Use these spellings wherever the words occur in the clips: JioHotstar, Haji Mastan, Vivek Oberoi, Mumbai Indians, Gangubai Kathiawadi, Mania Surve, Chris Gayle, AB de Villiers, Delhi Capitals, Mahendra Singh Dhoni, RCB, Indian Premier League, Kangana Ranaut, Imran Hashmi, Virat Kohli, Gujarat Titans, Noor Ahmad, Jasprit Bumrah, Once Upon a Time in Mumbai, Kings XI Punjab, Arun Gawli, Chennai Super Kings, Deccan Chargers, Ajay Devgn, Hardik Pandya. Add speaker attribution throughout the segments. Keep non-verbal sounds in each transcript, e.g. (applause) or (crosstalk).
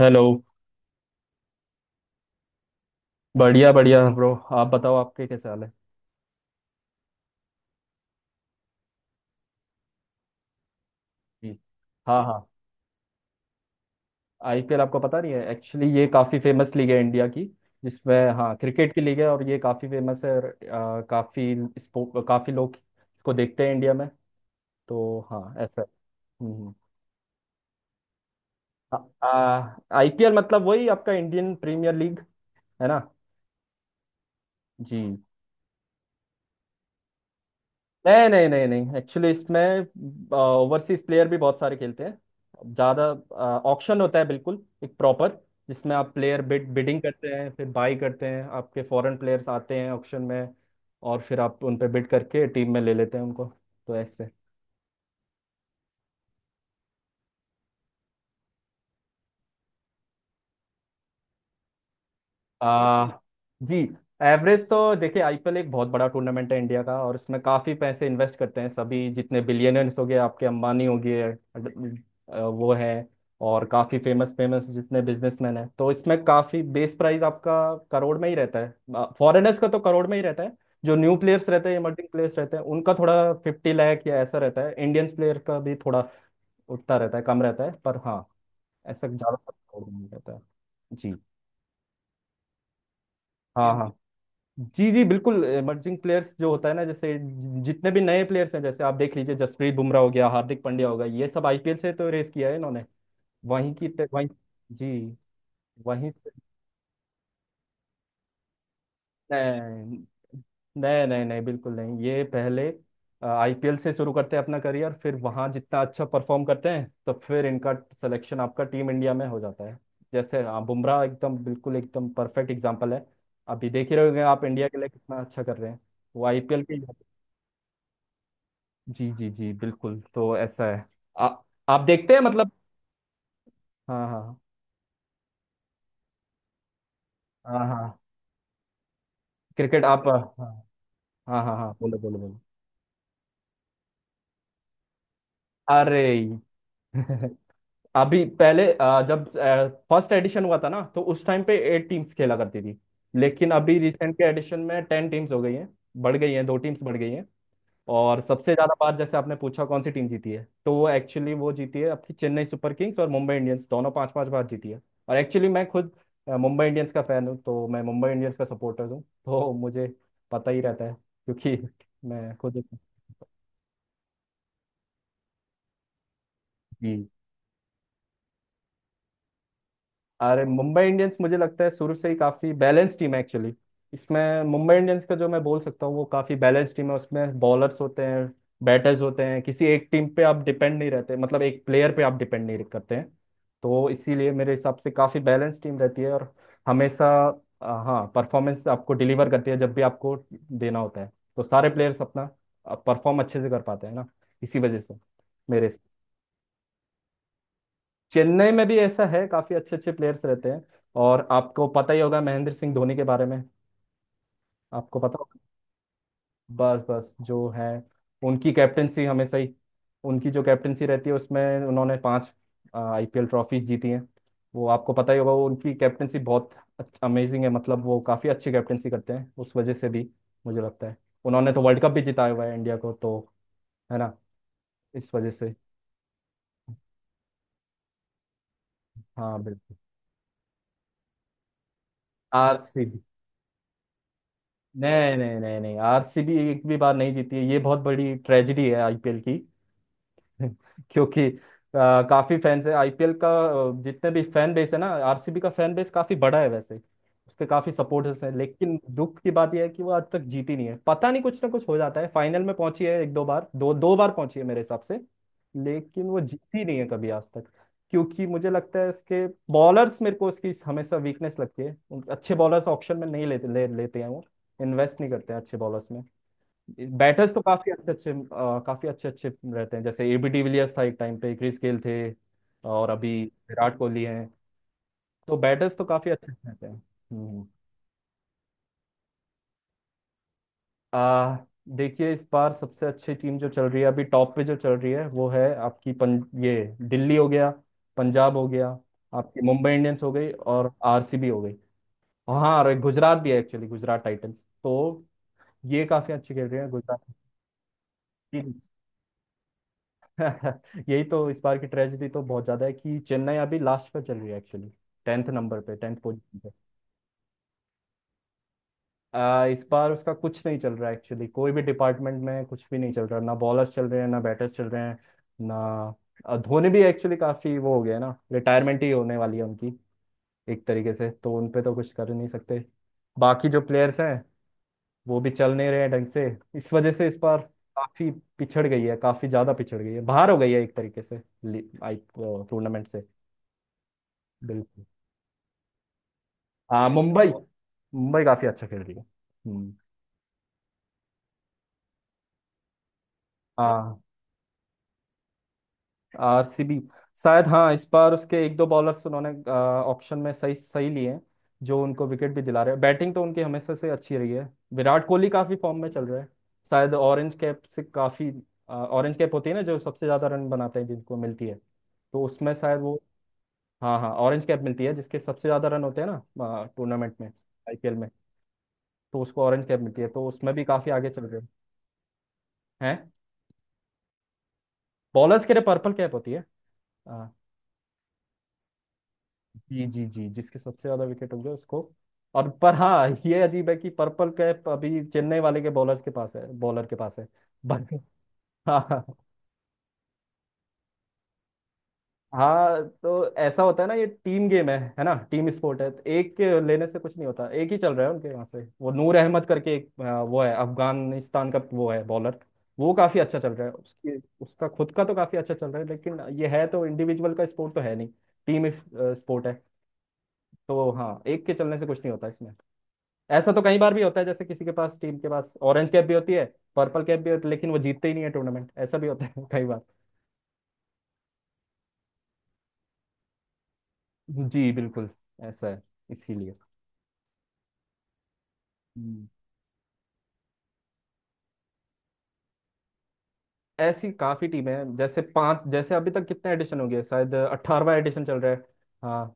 Speaker 1: Hello. बढ़िया बढ़िया, bro. आप बताओ, आपके कैसे हाल है? जी। हाँ हाँ। आईपीएल आपको पता नहीं है? एक्चुअली ये काफ़ी फेमस लीग है इंडिया की, जिसमें, हाँ, क्रिकेट की लीग है, और ये काफ़ी फेमस है, और काफ़ी इसको काफ़ी लोग इसको देखते हैं इंडिया में। तो हाँ, ऐसा है। हम्म। आईपीएल मतलब वही आपका इंडियन प्रीमियर लीग। है ना? जी। नहीं नहीं नहीं नहीं, एक्चुअली इसमें ओवरसीज प्लेयर भी बहुत सारे खेलते हैं, ज़्यादा ऑक्शन होता है, बिल्कुल एक प्रॉपर, जिसमें आप प्लेयर बिडिंग करते हैं, फिर बाई करते हैं। आपके फॉरेन प्लेयर्स आते हैं ऑक्शन में, और फिर आप उन पे बिड करके टीम में ले लेते हैं उनको। तो ऐसे। आ, जी। एवरेज तो देखिए, आईपीएल एक बहुत बड़ा टूर्नामेंट है इंडिया का, और इसमें काफ़ी पैसे इन्वेस्ट करते हैं सभी। जितने बिलियनर्स हो गए, आपके अंबानी हो गए, वो हैं। और काफ़ी फेमस फेमस जितने बिजनेसमैन हैं, तो इसमें काफ़ी बेस प्राइस आपका करोड़ में ही रहता है, फॉरेनर्स का तो करोड़ में ही रहता है। जो न्यू प्लेयर्स रहते हैं, इमर्जिंग प्लेयर्स रहते हैं, उनका थोड़ा 50 लाख या ऐसा रहता है। इंडियंस प्लेयर का भी थोड़ा उठता रहता है, कम रहता है, पर हाँ, ऐसा ज़्यादा रहता है। जी। हाँ हाँ जी जी, बिल्कुल। इमर्जिंग प्लेयर्स जो होता है ना, जैसे जितने भी नए प्लेयर्स हैं, जैसे आप देख लीजिए, जसप्रीत बुमराह हो गया, हार्दिक पांड्या हो गया, ये सब आईपीएल से तो रेस किया है इन्होंने। वहीं। जी। वहीं से। नहीं नहीं नहीं नहीं, बिल्कुल नहीं, ये पहले आईपीएल से शुरू करते हैं अपना करियर, फिर वहाँ जितना अच्छा परफॉर्म करते हैं, तो फिर इनका सिलेक्शन आपका टीम इंडिया में हो जाता है। जैसे हाँ, बुमराह एकदम, बिल्कुल एकदम परफेक्ट एग्जाम्पल है। अभी देख ही रहे होंगे आप, इंडिया के लिए कितना अच्छा कर रहे हैं वो आईपीएल के। जी जी जी, बिल्कुल, तो ऐसा है। आ, आप देखते हैं मतलब। हाँ हाँ हाँ हाँ हाँ। क्रिकेट आप, हाँ। हाँ हाँ हाँ, बोलो बोलो बोलो। अरे (laughs) अभी पहले, जब फर्स्ट एडिशन हुआ था ना, तो उस टाइम पे 8 टीम्स खेला करती थी, लेकिन अभी रिसेंट के एडिशन में 10 टीम्स हो गई हैं। बढ़ गई हैं, 2 टीम्स बढ़ गई हैं। और सबसे ज्यादा बार, जैसे आपने पूछा कौन सी टीम जीती है, तो वो एक्चुअली वो जीती है आपकी चेन्नई सुपर किंग्स और मुंबई इंडियंस, दोनों पांच पांच बार जीती है। और एक्चुअली मैं खुद मुंबई इंडियंस का फैन हूँ, तो मैं मुंबई इंडियंस का सपोर्टर हूँ, तो मुझे पता ही रहता है क्योंकि (laughs) मैं खुद। जी। अरे मुंबई इंडियंस, मुझे लगता है शुरू से ही काफी बैलेंस टीम है एक्चुअली। इसमें मुंबई इंडियंस का, जो मैं बोल सकता हूँ, वो काफी बैलेंस टीम है। उसमें बॉलर्स होते हैं, बैटर्स होते हैं, किसी एक टीम पे आप डिपेंड नहीं रहते, मतलब एक प्लेयर पे आप डिपेंड नहीं करते हैं। तो इसीलिए मेरे हिसाब से काफी बैलेंस टीम रहती है, और हमेशा हाँ, परफॉर्मेंस आपको डिलीवर करती है, जब भी आपको देना होता है। तो सारे प्लेयर्स अपना परफॉर्म अच्छे से कर पाते हैं ना, इसी वजह से मेरे। चेन्नई में भी ऐसा है, काफी अच्छे अच्छे प्लेयर्स रहते हैं। और आपको पता ही होगा महेंद्र सिंह धोनी के बारे में, आपको पता होगा। बस बस, जो है उनकी कैप्टनसी हमेशा ही, उनकी जो कैप्टनसी रहती है, उसमें उन्होंने 5 आईपीएल ट्रॉफीज जीती हैं। वो आपको पता ही होगा, वो उनकी कैप्टनसी बहुत अमेजिंग है, मतलब वो काफी अच्छी कैप्टनसी करते हैं, उस वजह से भी मुझे लगता है। उन्होंने तो वर्ल्ड कप भी जिताया हुआ है इंडिया को, तो है ना, इस वजह से। हाँ बिल्कुल। आरसी नहीं नहीं नहीं नहीं, आरसीबी एक भी बार नहीं जीती है, ये बहुत बड़ी ट्रेजेडी है आईपीएल की। (laughs) क्योंकि काफी फैंस है आईपीएल का, जितने भी फैन बेस है ना, आरसीबी का फैन बेस काफी बड़ा है वैसे, उसके काफी सपोर्टर्स हैं, लेकिन दुख की बात यह है कि वो आज तक जीती नहीं है। पता नहीं कुछ ना कुछ हो जाता है, फाइनल में पहुंची है एक दो बार, दो दो बार पहुंची है मेरे हिसाब से, लेकिन वो जीती नहीं है कभी आज तक। क्योंकि मुझे लगता है उसके बॉलर्स, मेरे को उसकी हमेशा वीकनेस लगती है, अच्छे बॉलर्स ऑक्शन में नहीं लेते हैं वो, इन्वेस्ट नहीं करते हैं अच्छे बॉलर्स। बैटर्स तो काफी अच्छे अच्छे, काफी अच्छे अच्छे रहते हैं, जैसे एबी डिविलियर्स था एक टाइम पे, क्रिस गेल थे, और अभी विराट कोहली हैं। तो बैटर्स तो काफी अच्छे रहते हैं। हम्म। आ, देखिए, इस बार सबसे अच्छी टीम जो चल रही है, अभी टॉप पे जो चल रही है, वो है आपकी ये दिल्ली हो गया, पंजाब हो गया, आपकी मुंबई इंडियंस हो गई और आरसीबी हो गई। हाँ, और एक गुजरात भी है एक्चुअली, गुजरात टाइटंस, तो ये काफी अच्छी खेल रही है गुजरात। (laughs) यही तो इस बार की ट्रेजेडी तो बहुत ज्यादा है, कि चेन्नई अभी लास्ट पर चल रही है एक्चुअली, टेंथ नंबर पे, टेंथ पोजीशन पे। इस बार उसका कुछ नहीं चल रहा है एक्चुअली, कोई भी डिपार्टमेंट में कुछ भी नहीं चल रहा, ना बॉलर्स चल रहे हैं, ना बैटर्स चल रहे हैं, ना धोनी भी एक्चुअली काफी वो हो गया है ना, रिटायरमेंट ही होने वाली है उनकी एक तरीके से, तो उन पे तो कुछ कर ही नहीं सकते। बाकी जो प्लेयर्स हैं, वो भी चल नहीं रहे हैं ढंग से, इस वजह से इस बार काफी पिछड़ गई है, काफी ज्यादा पिछड़ गई है, बाहर हो गई है एक तरीके से टूर्नामेंट से। बिल्कुल। हाँ मुंबई, मुंबई काफी अच्छा खेल रही है। हाँ। आरसीबी, शायद, हाँ, इस बार उसके एक दो बॉलर्स उन्होंने ऑप्शन में सही सही लिए हैं, जो उनको विकेट भी दिला रहे हैं। बैटिंग तो उनकी हमेशा से अच्छी रही है, विराट कोहली काफी फॉर्म में चल रहा है। शायद ऑरेंज कैप से काफी, ऑरेंज कैप होती है ना, जो सबसे ज्यादा रन बनाते हैं, जिनको मिलती है, तो उसमें शायद वो, हाँ हाँ, ऑरेंज कैप मिलती है जिसके सबसे ज्यादा रन होते हैं ना टूर्नामेंट में, आईपीएल में। तो उसको ऑरेंज कैप मिलती है, तो उसमें भी काफी आगे चल रहे हैं। हैं। बॉलर्स के लिए पर्पल कैप होती है। हाँ। जी जी जी, जिसके सबसे ज्यादा विकेट होंगे उसको। और पर हाँ, ये अजीब है कि पर्पल कैप अभी चेन्नई वाले के बॉलर्स के पास है, बॉलर के पास है, बट (laughs) हाँ। हाँ, तो ऐसा होता है ना, ये टीम गेम है ना, टीम स्पोर्ट है, तो एक के लेने से कुछ नहीं होता। एक ही चल रहा है उनके यहाँ से, वो नूर अहमद करके एक, वो है अफगानिस्तान का, वो है बॉलर। वो काफी अच्छा चल रहा है, उसकी, उसका खुद का तो काफी अच्छा चल रहा है, लेकिन ये है, तो इंडिविजुअल का स्पोर्ट तो है नहीं, टीम स्पोर्ट है। तो हाँ, एक के चलने से कुछ नहीं होता इसमें। ऐसा तो कई बार भी होता है, जैसे किसी के पास, टीम के पास ऑरेंज कैप भी होती है, पर्पल कैप भी होती है, लेकिन वो जीतते ही नहीं है टूर्नामेंट, ऐसा भी होता है (laughs) कई बार। जी बिल्कुल, ऐसा है, इसीलिए। हम्म। ऐसी काफी टीमें हैं, जैसे अभी तक कितने एडिशन हो गए, शायद 18वाँ एडिशन चल रहा है। हाँ,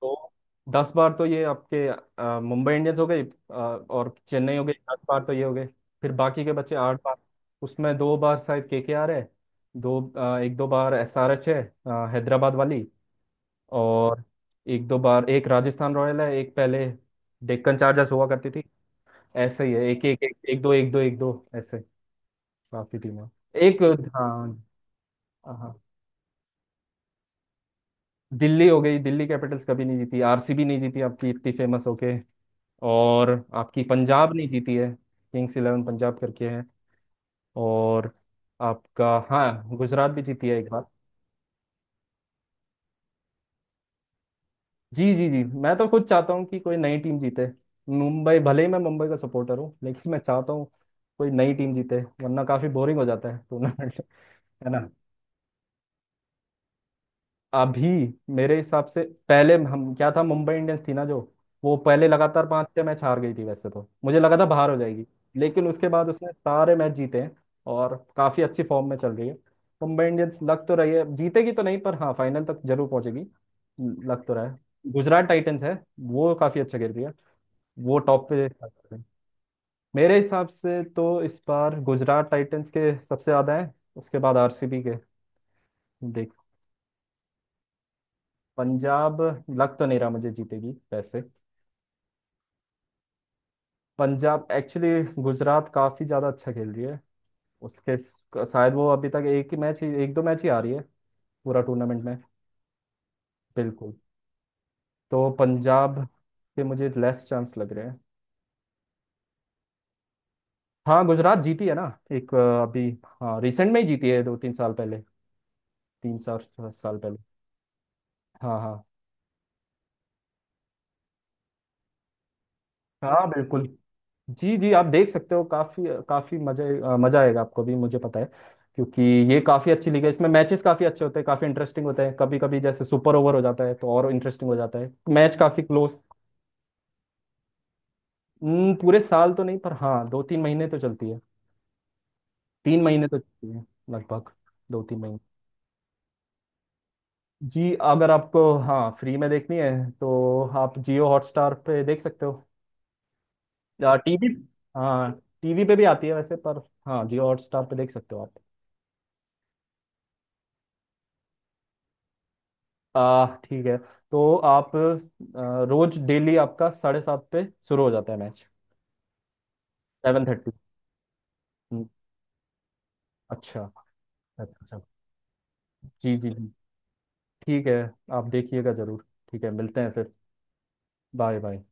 Speaker 1: तो 10 बार तो ये आपके मुंबई इंडियंस हो गई, और चेन्नई हो गई, 10 बार तो ये हो गए। फिर बाकी के बचे 8 बार, उसमें दो बार शायद KKR है, एक दो बार SRH है, हैदराबाद वाली, और एक दो बार, एक राजस्थान रॉयल है, एक पहले डेक्कन चार्जर्स हुआ करती थी। ऐसे ही है, एक एक एक, एक दो एक दो एक दो ऐसे, काफी टीमें, एक। हाँ हाँ, दिल्ली हो गई, दिल्ली कैपिटल्स कभी नहीं जीती, आरसीबी नहीं जीती आपकी इतनी फेमस होके, और आपकी पंजाब नहीं जीती है, किंग्स इलेवन पंजाब करके है, और आपका, हाँ, गुजरात भी जीती है एक बार। जी जी जी, मैं तो खुद चाहता हूँ कि कोई नई टीम जीते। मुंबई भले ही, मैं मुंबई का सपोर्टर हूँ लेकिन मैं चाहता हूँ कोई नई टीम जीते, वरना काफी बोरिंग हो जाता है टूर्नामेंट। है ना? अभी मेरे हिसाब से, पहले हम क्या था, मुंबई इंडियंस थी ना जो, वो पहले लगातार 5-6 मैच हार गई थी, वैसे तो मुझे लगा था बाहर हो जाएगी, लेकिन उसके बाद उसने सारे मैच जीते हैं और काफी अच्छी फॉर्म में चल रही है मुंबई इंडियंस, लग तो रही है। जीतेगी तो नहीं, पर हाँ फाइनल तक जरूर पहुंचेगी, लग तो रहा है। गुजरात टाइटंस है, वो काफी अच्छा खेल रही है, वो टॉप पे चल रही है। मेरे हिसाब से तो इस बार गुजरात टाइटंस के सबसे ज्यादा है, उसके बाद आरसीबी के, देख। पंजाब लग तो नहीं रहा मुझे जीतेगी वैसे। पंजाब एक्चुअली, गुजरात काफ़ी ज़्यादा अच्छा खेल रही है, शायद वो अभी तक एक ही मैच ही, एक दो मैच ही आ रही है पूरा टूर्नामेंट में, बिल्कुल। तो पंजाब के मुझे लेस चांस लग रहे हैं। हाँ गुजरात जीती है ना, एक, अभी, हाँ, रिसेंट में ही जीती है, 2-3 साल पहले, 3-4 साल पहले। हाँ हाँ हाँ बिल्कुल। जी जी, आप देख सकते हो, काफी काफी मजे, मजा आएगा आपको भी, मुझे पता है, क्योंकि ये काफी अच्छी लीग है, इसमें मैचेस काफी अच्छे होते हैं, काफी इंटरेस्टिंग होते हैं, कभी कभी जैसे सुपर ओवर हो जाता है तो और इंटरेस्टिंग हो जाता है मैच, काफी क्लोज। पूरे साल तो नहीं, पर हाँ 2-3 महीने तो चलती है, 3 महीने तो चलती है, लगभग 2-3 महीने। जी, अगर आपको हाँ फ्री में देखनी है, तो आप जियो हॉटस्टार पे देख सकते हो, या टीवी, हाँ टीवी पे भी आती है वैसे, पर हाँ जियो हॉटस्टार पे देख सकते हो आप। आ ठीक है, तो आप रोज डेली आपका 7:30 पे शुरू हो जाता है मैच। 7:30। हम्म, अच्छा अच्छा अच्छा। जी जी जी। ठीक है, आप देखिएगा जरूर। ठीक है, मिलते हैं फिर। Bye bye.